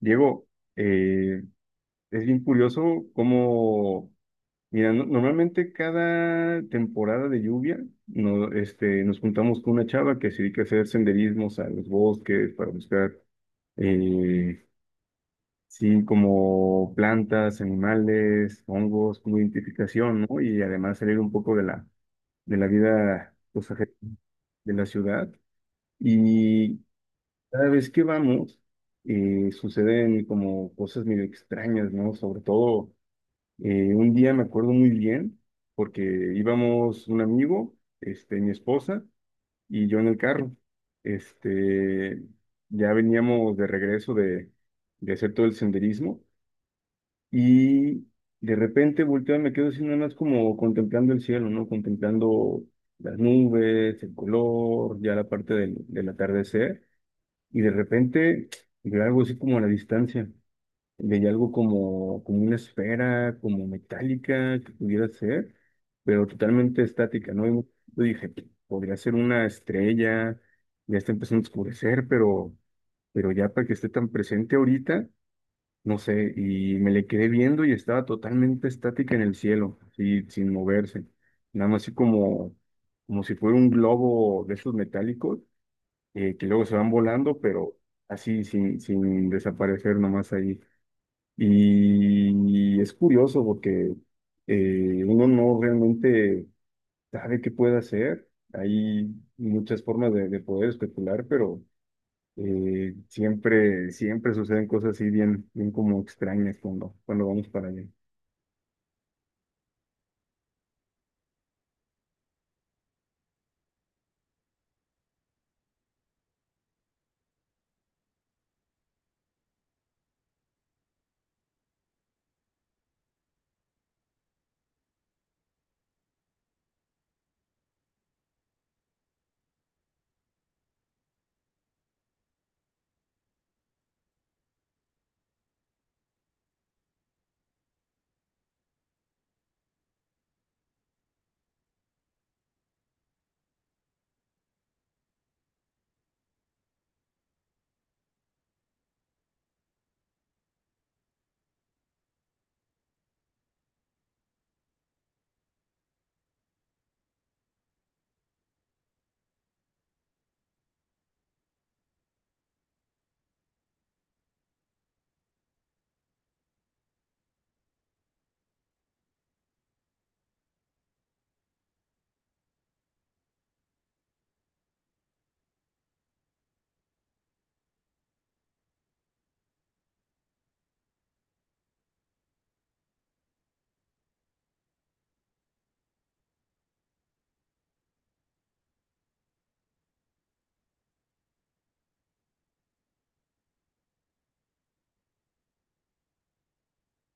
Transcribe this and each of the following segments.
Diego, eh, es bien curioso cómo, mira, normalmente cada temporada de lluvia no, nos juntamos con una chava que se dedica a hacer senderismos a los bosques para buscar, eh, sí, como plantas, animales, hongos, como identificación, ¿no? Y además salir un poco de la vida, pues, de la ciudad. Y cada vez que vamos, suceden como cosas medio extrañas, ¿no? Sobre todo. Un día me acuerdo muy bien porque íbamos un amigo, mi esposa y yo en el carro. Este, ya veníamos de regreso de hacer todo el senderismo y de repente volteo y me quedo así nada más como contemplando el cielo, ¿no? Contemplando las nubes, el color, ya la parte del atardecer y de repente veo algo así como a la distancia. Veía algo como una esfera, como metálica, que pudiera ser, pero totalmente estática, ¿no? Y yo dije, podría ser una estrella, ya está empezando a oscurecer, pero ya para que esté tan presente ahorita, no sé, y me le quedé viendo y estaba totalmente estática en el cielo, así, sin moverse, nada más así como si fuera un globo de esos metálicos, que luego se van volando, pero así, sin desaparecer nomás ahí. Y es curioso porque uno no realmente sabe qué puede hacer. Hay muchas formas de poder especular, pero siempre, siempre suceden cosas así bien, bien como extrañas cuando vamos para allá.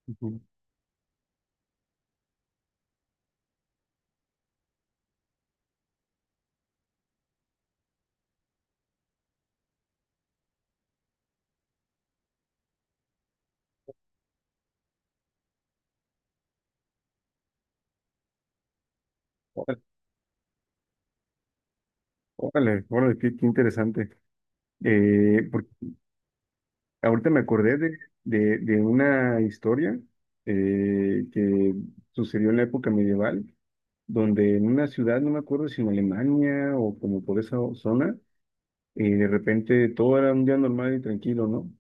Ujú. Órale, órale, órale, qué, qué interesante. Porque ahorita me acordé de una historia que sucedió en la época medieval donde en una ciudad, no me acuerdo si en Alemania o como por esa zona, de repente todo era un día normal y tranquilo, ¿no?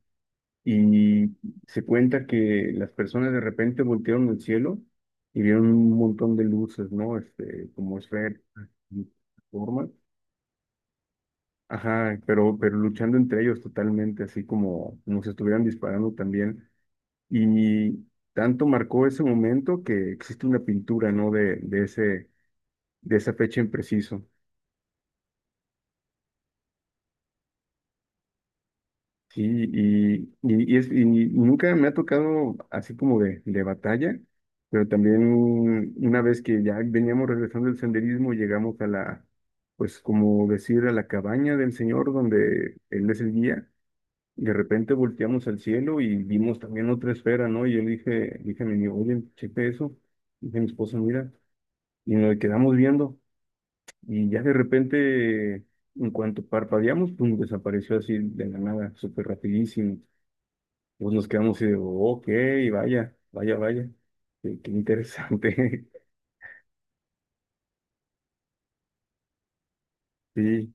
Y se cuenta que las personas de repente voltearon al cielo y vieron un montón de luces, ¿no? Este, como esferas, y formas. Ajá, pero luchando entre ellos totalmente, así como si estuvieran disparando también. Y tanto marcó ese momento que existe una pintura, ¿no? De ese, de esa fecha en preciso. Sí, y nunca me ha tocado así como de batalla, pero también una vez que ya veníamos regresando del senderismo, llegamos a la, pues como decir, a la cabaña del señor donde él es el guía, y de repente volteamos al cielo y vimos también otra esfera, ¿no? Y yo le dije, dije a mi amigo, oye, cheque eso, dije a mi esposo, mira, y nos quedamos viendo, y ya de repente, en cuanto parpadeamos, pum, desapareció así de la nada, súper rapidísimo. Pues nos quedamos y digo, ok, vaya, vaya, vaya. Qué, qué interesante. Sí,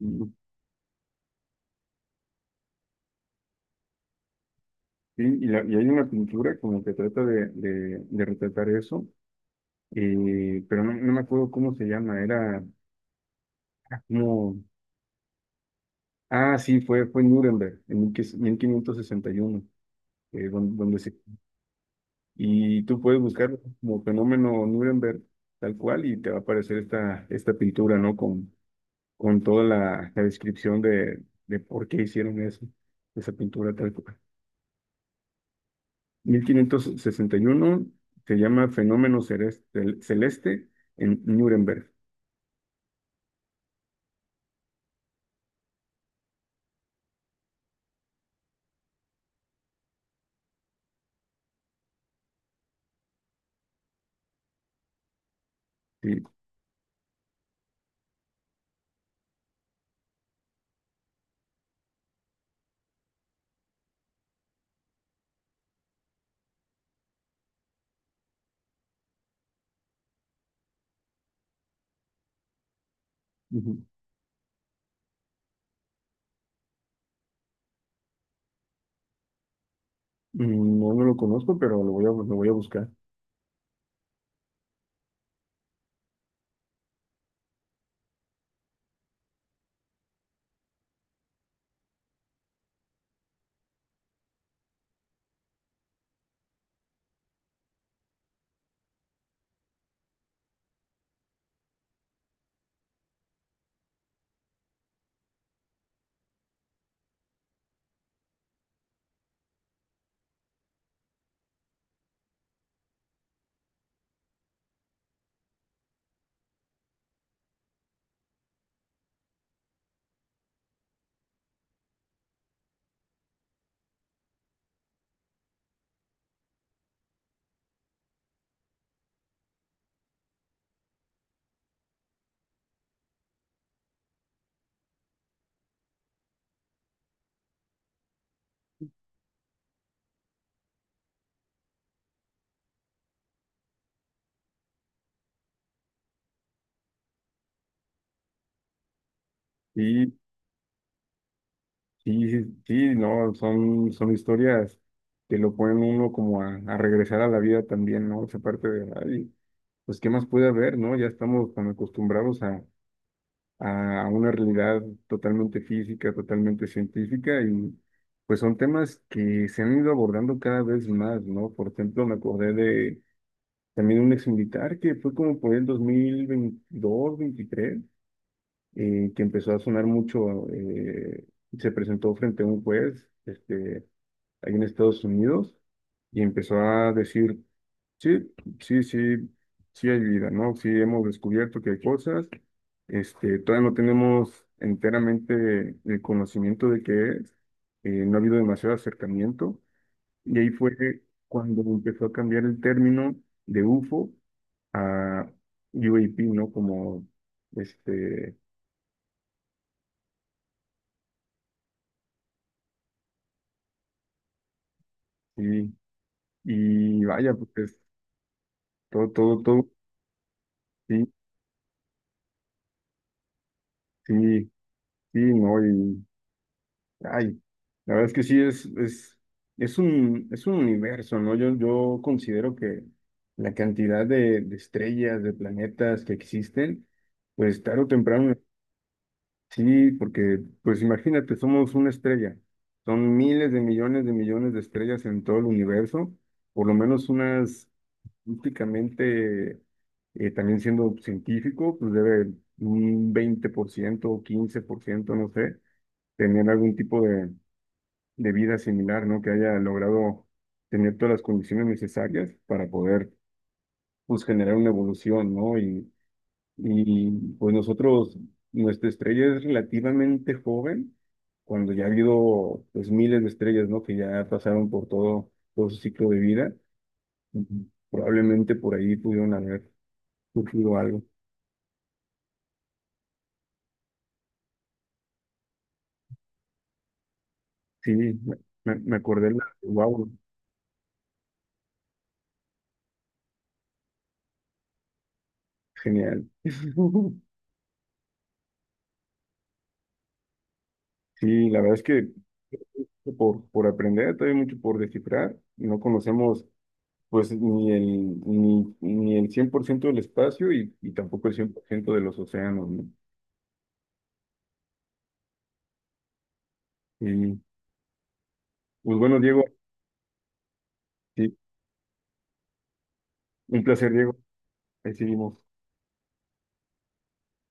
mm, sí, y, y hay una pintura como que trata de retratar eso, pero no me acuerdo cómo se llama, era como, ah, sí, fue en Nuremberg, en 1561, donde, se, y tú puedes buscar como fenómeno Nuremberg tal cual y te va a aparecer esta pintura, ¿no? Con toda la descripción de por qué hicieron eso, esa pintura tal cual. 1561 se llama Fenómeno Celeste, Celeste en Nuremberg. Sí. Ujú. Mm. No, no lo conozco, pero lo voy a buscar. Y sí, sí, sí, no, son historias que lo ponen uno como a regresar a la vida también, ¿no? Esa parte de, ay, pues, ¿qué más puede haber, no? Ya estamos tan acostumbrados a una realidad totalmente física, totalmente científica y pues son temas que se han ido abordando cada vez más, ¿no? Por ejemplo, me acordé de también un ex militar que fue como por el 2022, 23, que empezó a sonar mucho, se presentó frente a un juez, ahí en Estados Unidos y empezó a decir. Sí, sí, sí, sí hay vida, ¿no? Sí hemos descubierto que hay cosas, todavía no tenemos enteramente el conocimiento de qué es, no ha habido demasiado acercamiento, y ahí fue cuando empezó a cambiar el término de UFO a UAP, ¿no? Como, este, sí, y vaya, pues todo, todo, todo, sí, sí, sí, ¿no? Ay, la verdad es que sí es un universo, ¿no? Yo considero que la cantidad de estrellas, de planetas que existen, pues tarde o temprano, sí, porque pues imagínate, somos una estrella. Son miles de millones de millones de estrellas en todo el universo, por lo menos unas únicamente, también siendo científico, pues debe un 20% o 15%, no sé, tener algún tipo de vida similar, ¿no? Que haya logrado tener todas las condiciones necesarias para poder, pues, generar una evolución, ¿no? Y pues nosotros, nuestra estrella es relativamente joven, cuando ya ha habido, pues, miles de estrellas, ¿no? Que ya pasaron por todo, todo su ciclo de vida. Ujú. Probablemente por ahí pudieron haber surgido algo. Sí, me, me acordé, wow, genial. Sí, la verdad es que por aprender, todavía hay mucho por descifrar. No conocemos pues ni el, ni el 100% del espacio y tampoco el 100% de los océanos, ¿no? Y, pues bueno, Diego, sí, un placer, Diego. Ahí seguimos.